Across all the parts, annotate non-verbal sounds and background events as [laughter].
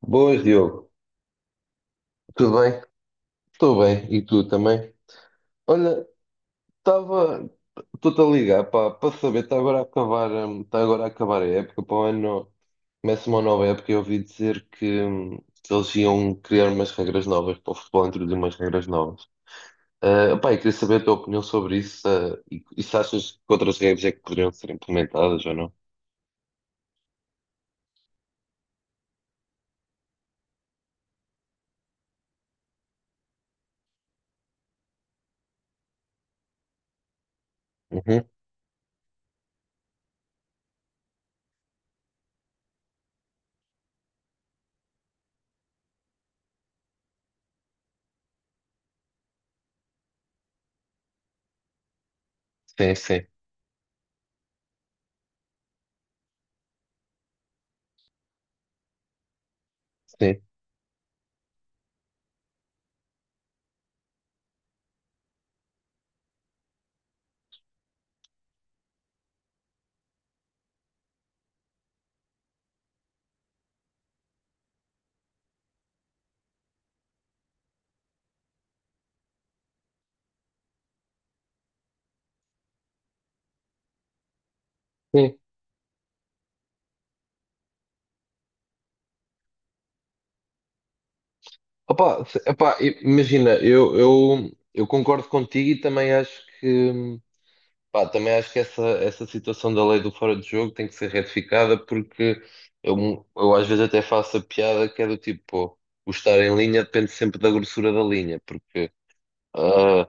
Boas, Diogo. Tudo bem? Estou bem. E tu também? Olha, estava. Estou-te a ligar para saber. Está agora a acabar a época. Para o ano começa uma nova época. Eu ouvi dizer que eles iam criar umas regras novas para o futebol, introduzir umas regras novas. Ah, pá, eu queria saber a tua opinião sobre isso, e se achas que outras regras é que poderiam ser implementadas ou não? Uhum. Sim, sim, sim. Sim. Opa, epá, imagina, eu concordo contigo e também acho que, pá, também acho que essa situação da lei do fora de jogo tem que ser retificada porque eu às vezes até faço a piada que é do tipo, pô, o estar em linha depende sempre da grossura da linha, ah,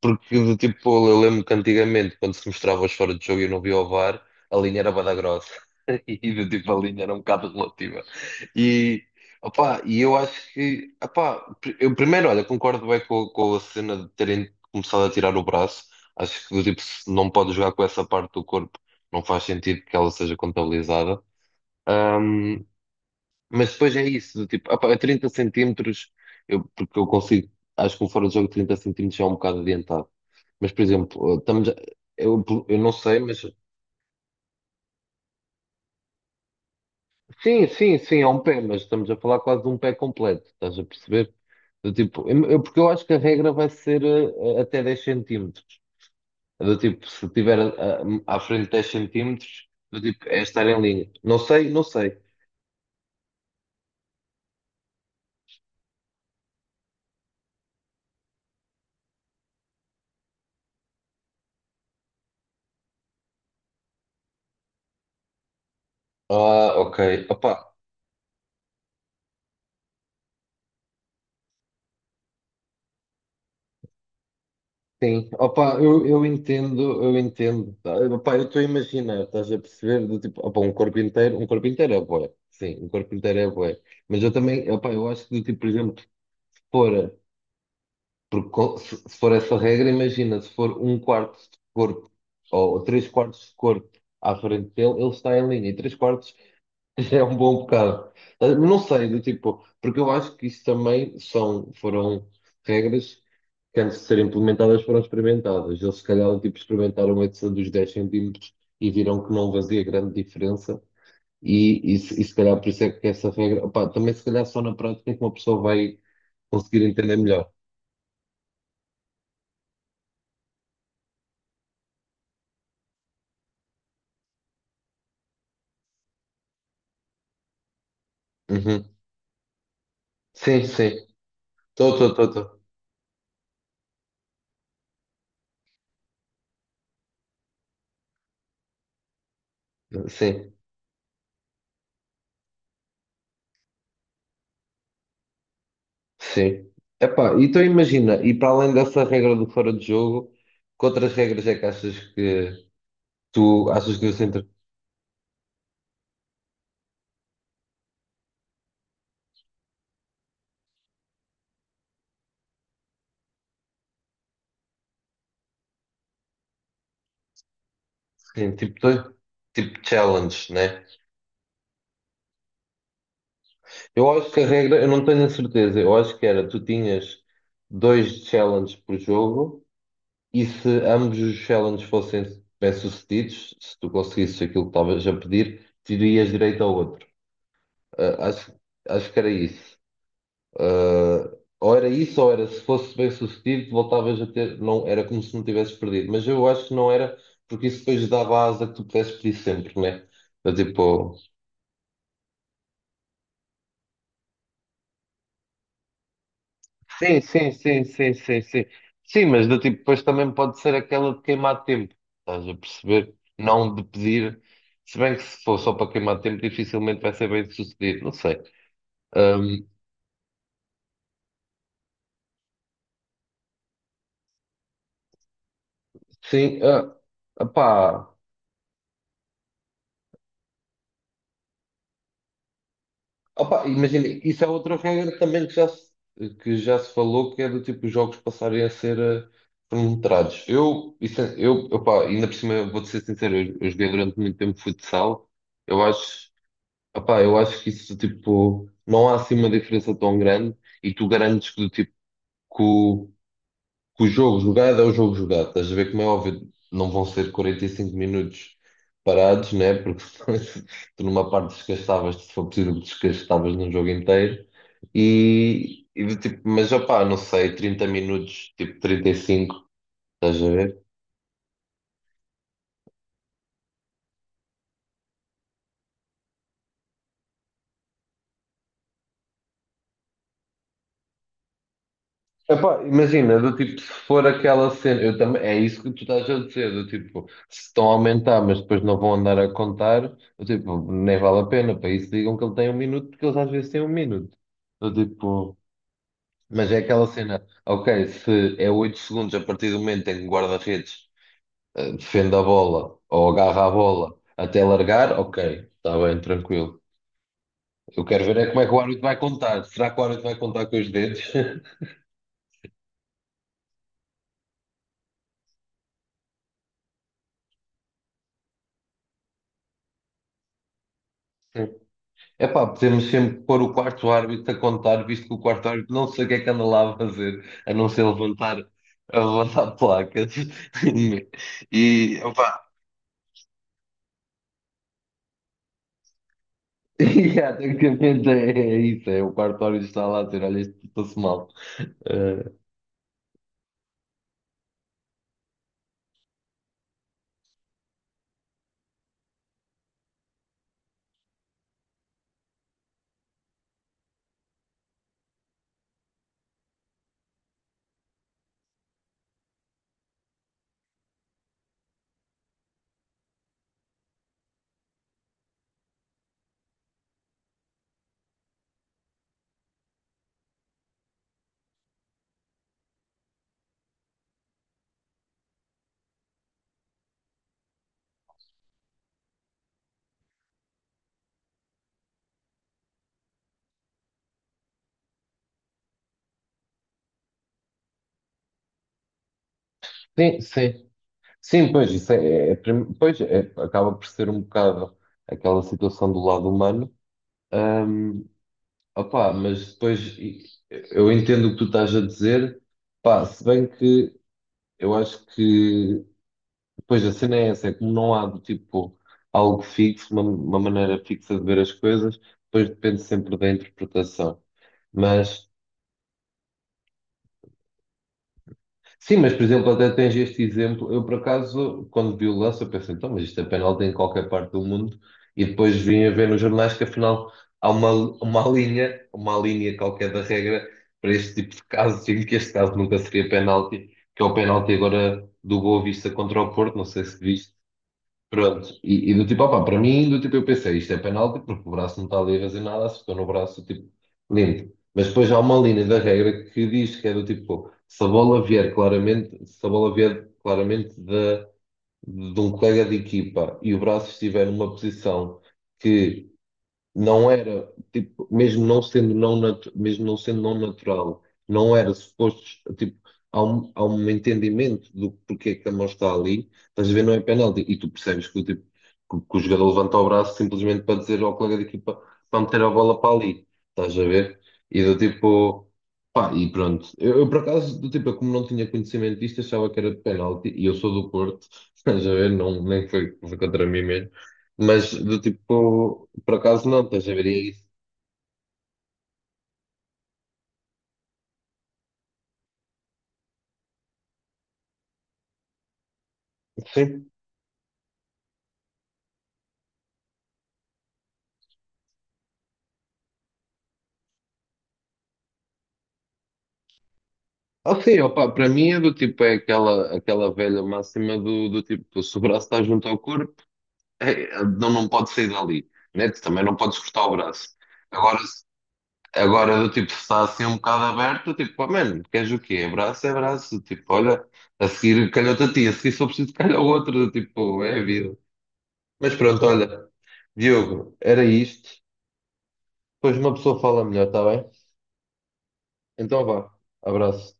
porque, do tipo, eu lembro que antigamente, quando se mostrava os fora de jogo e eu não via o VAR, a linha era bué grossa. [laughs] E, do tipo, a linha era um bocado relativa. E, opá, e eu acho que, opá, eu primeiro, olha, concordo bem com a cena de terem começado a tirar o braço. Acho que, do tipo, se não pode jogar com essa parte do corpo, não faz sentido que ela seja contabilizada. Mas depois é isso, do tipo, opa, a 30 centímetros, eu, porque eu consigo, acho que o fora de jogo de 30 centímetros é um bocado adiantado. Mas, por exemplo, estamos, eu não sei, mas sim, sim, sim, é um pé, mas estamos a falar quase de um pé completo, estás a perceber? Do tipo, porque eu acho que a regra vai ser até 10 centímetros. Do tipo, se tiver à frente 10 centímetros, do tipo, é estar em linha. Não sei, não sei. Ah, ok. Sim, opa, eu entendo, eu entendo. Tá? Opa, eu estou a imaginar, estás a perceber, do tipo, opa, um corpo inteiro é bué, sim, um corpo inteiro é bué. Mas eu também, opa, eu acho que do tipo, por exemplo, se for, porque se for essa regra, imagina, se for um quarto de corpo ou três quartos de corpo à frente dele, ele está em linha, e três quartos [laughs] é um bom bocado. Ah, não sei, do tipo, porque eu acho que isso também são, foram regras que antes de serem implementadas foram experimentadas. Eles se calhar do tipo, experimentaram essa dos 10 centímetros e viram que não fazia grande diferença se calhar por isso é que essa regra, opá, também se calhar só na prática é que uma pessoa vai conseguir entender melhor. Uhum. Sim, sim. Estou, estou, estou, estou. Sim. Sim. Epá, então imagina, e para além dessa regra do fora de jogo, que outras regras é que achas que tu achas que devem ser sim, tipo, tipo challenge, né? Eu acho que a regra, eu não tenho a certeza, eu acho que era, tu tinhas dois challenges por jogo e se ambos os challenges fossem bem-sucedidos, se tu conseguisses aquilo que estavas a pedir, terias direito ao outro. Ah, acho que era isso. Ou era isso, ou era se fosse bem sucedido, voltavas a ter. Não, era como se não tivesses perdido. Mas eu acho que não era, porque isso depois dava asa que tu pudesses pedir sempre, né? Do tipo. Sim, sim, sim, sim, sim, sim. Sim, mas do tipo, depois também pode ser aquela de queimar tempo. Estás a perceber? Não de pedir. Se bem que se for só para queimar tempo, dificilmente vai ser bem sucedido. Não sei. Um, sim, opa, imagina, isso é outra regra também que já se falou, que é do tipo os jogos passarem a ser cronometrados. Eu, isso, opa, ainda por cima, vou-te ser sincero, eu joguei durante muito tempo futsal. Eu acho, opa, eu acho que isso, tipo, não há assim uma diferença tão grande e tu garantes que, do tipo, que o jogo jogado é o jogo jogado. Estás a ver como é óbvio, não vão ser 45 minutos parados, né? Porque [laughs] tu numa parte desgastavas, se for possível, desgastavas num jogo inteiro. Do tipo, mas opá, não sei, 30 minutos, tipo 35, estás a ver? Epá, imagina, do tipo, se for aquela cena, eu também, é isso que tu estás a dizer, do tipo, se estão a aumentar, mas depois não vão andar a contar, do tipo, nem vale a pena, para isso digam que ele tem 1 minuto, porque eles às vezes têm 1 minuto. Do tipo, mas é aquela cena, ok, se é 8 segundos a partir do momento em que o guarda-redes defende a bola ou agarra a bola até largar, ok, está bem, tranquilo. Eu quero ver é como é que o árbitro vai contar. Será que o árbitro vai contar com os dedos? [laughs] É pá, podemos sempre pôr o quarto árbitro a contar, visto que o quarto árbitro não sei o que é que anda lá a fazer, a não ser levantar, a levantar placas. [laughs] E, opá, [laughs] e, yeah, tecnicamente [laughs] é isso, é o quarto árbitro está lá a dizer, olha, isto passou mal. Eh, Sim, sim. Sim, pois, isso é, pois, acaba por ser um bocado aquela situação do lado humano. Ahm, Opá, mas depois eu entendo o que tu estás a dizer, pá, se bem que eu acho que depois a cena é essa, é como não há do tipo algo fixo, uma maneira fixa de ver as coisas, depois depende sempre da interpretação. Mas Sim, mas por exemplo, até tens este exemplo. Eu, por acaso, quando vi o lance, eu pensei, então, mas isto é penalti em qualquer parte do mundo. E depois vim a ver nos jornais que afinal há uma linha qualquer da regra para este tipo de casos, e que este caso nunca seria penalti, que é o penalti agora do Boa Vista contra o Porto, não sei se viste, pronto, do tipo, opá, para mim, do tipo, eu pensei, isto é penalti, porque o braço não está ali a fazer nada, acertou no braço, tipo, limpo. Mas depois há uma linha da regra que diz que é do tipo, se a bola vier claramente, se a bola vier claramente de um colega de equipa e o braço estiver numa posição que não era, tipo, mesmo não sendo não natural, não era suposto, tipo, há um entendimento do porquê que a mão está ali, estás a ver, não é penalti, e tu percebes que, o tipo, que o jogador levanta o braço simplesmente para dizer ao colega de equipa para meter a bola para ali, estás a ver? E do tipo, pá, e pronto. Por acaso, do tipo, eu como não tinha conhecimento disto, achava que era penalti, e eu sou do Porto, [laughs] estás a ver, não, nem foi, foi contra mim mesmo. Mas do tipo, por acaso não, estás a ver isso? Sim. Ah, sim, opa, para mim é do tipo, é aquela, aquela velha máxima do, do tipo, se o braço está junto ao corpo, é, não, não pode sair dali, né? Tu também não podes cortar o braço. Agora, agora do tipo, se está assim um bocado aberto, eu tipo, pá, mano, queres o quê? É braço, tipo, olha, a seguir calhou-te a ti, a seguir só preciso calhar o outro, do tipo, é a vida. Mas pronto, olha, Diogo, era isto, depois uma pessoa fala melhor, está bem? Então vá, abraço.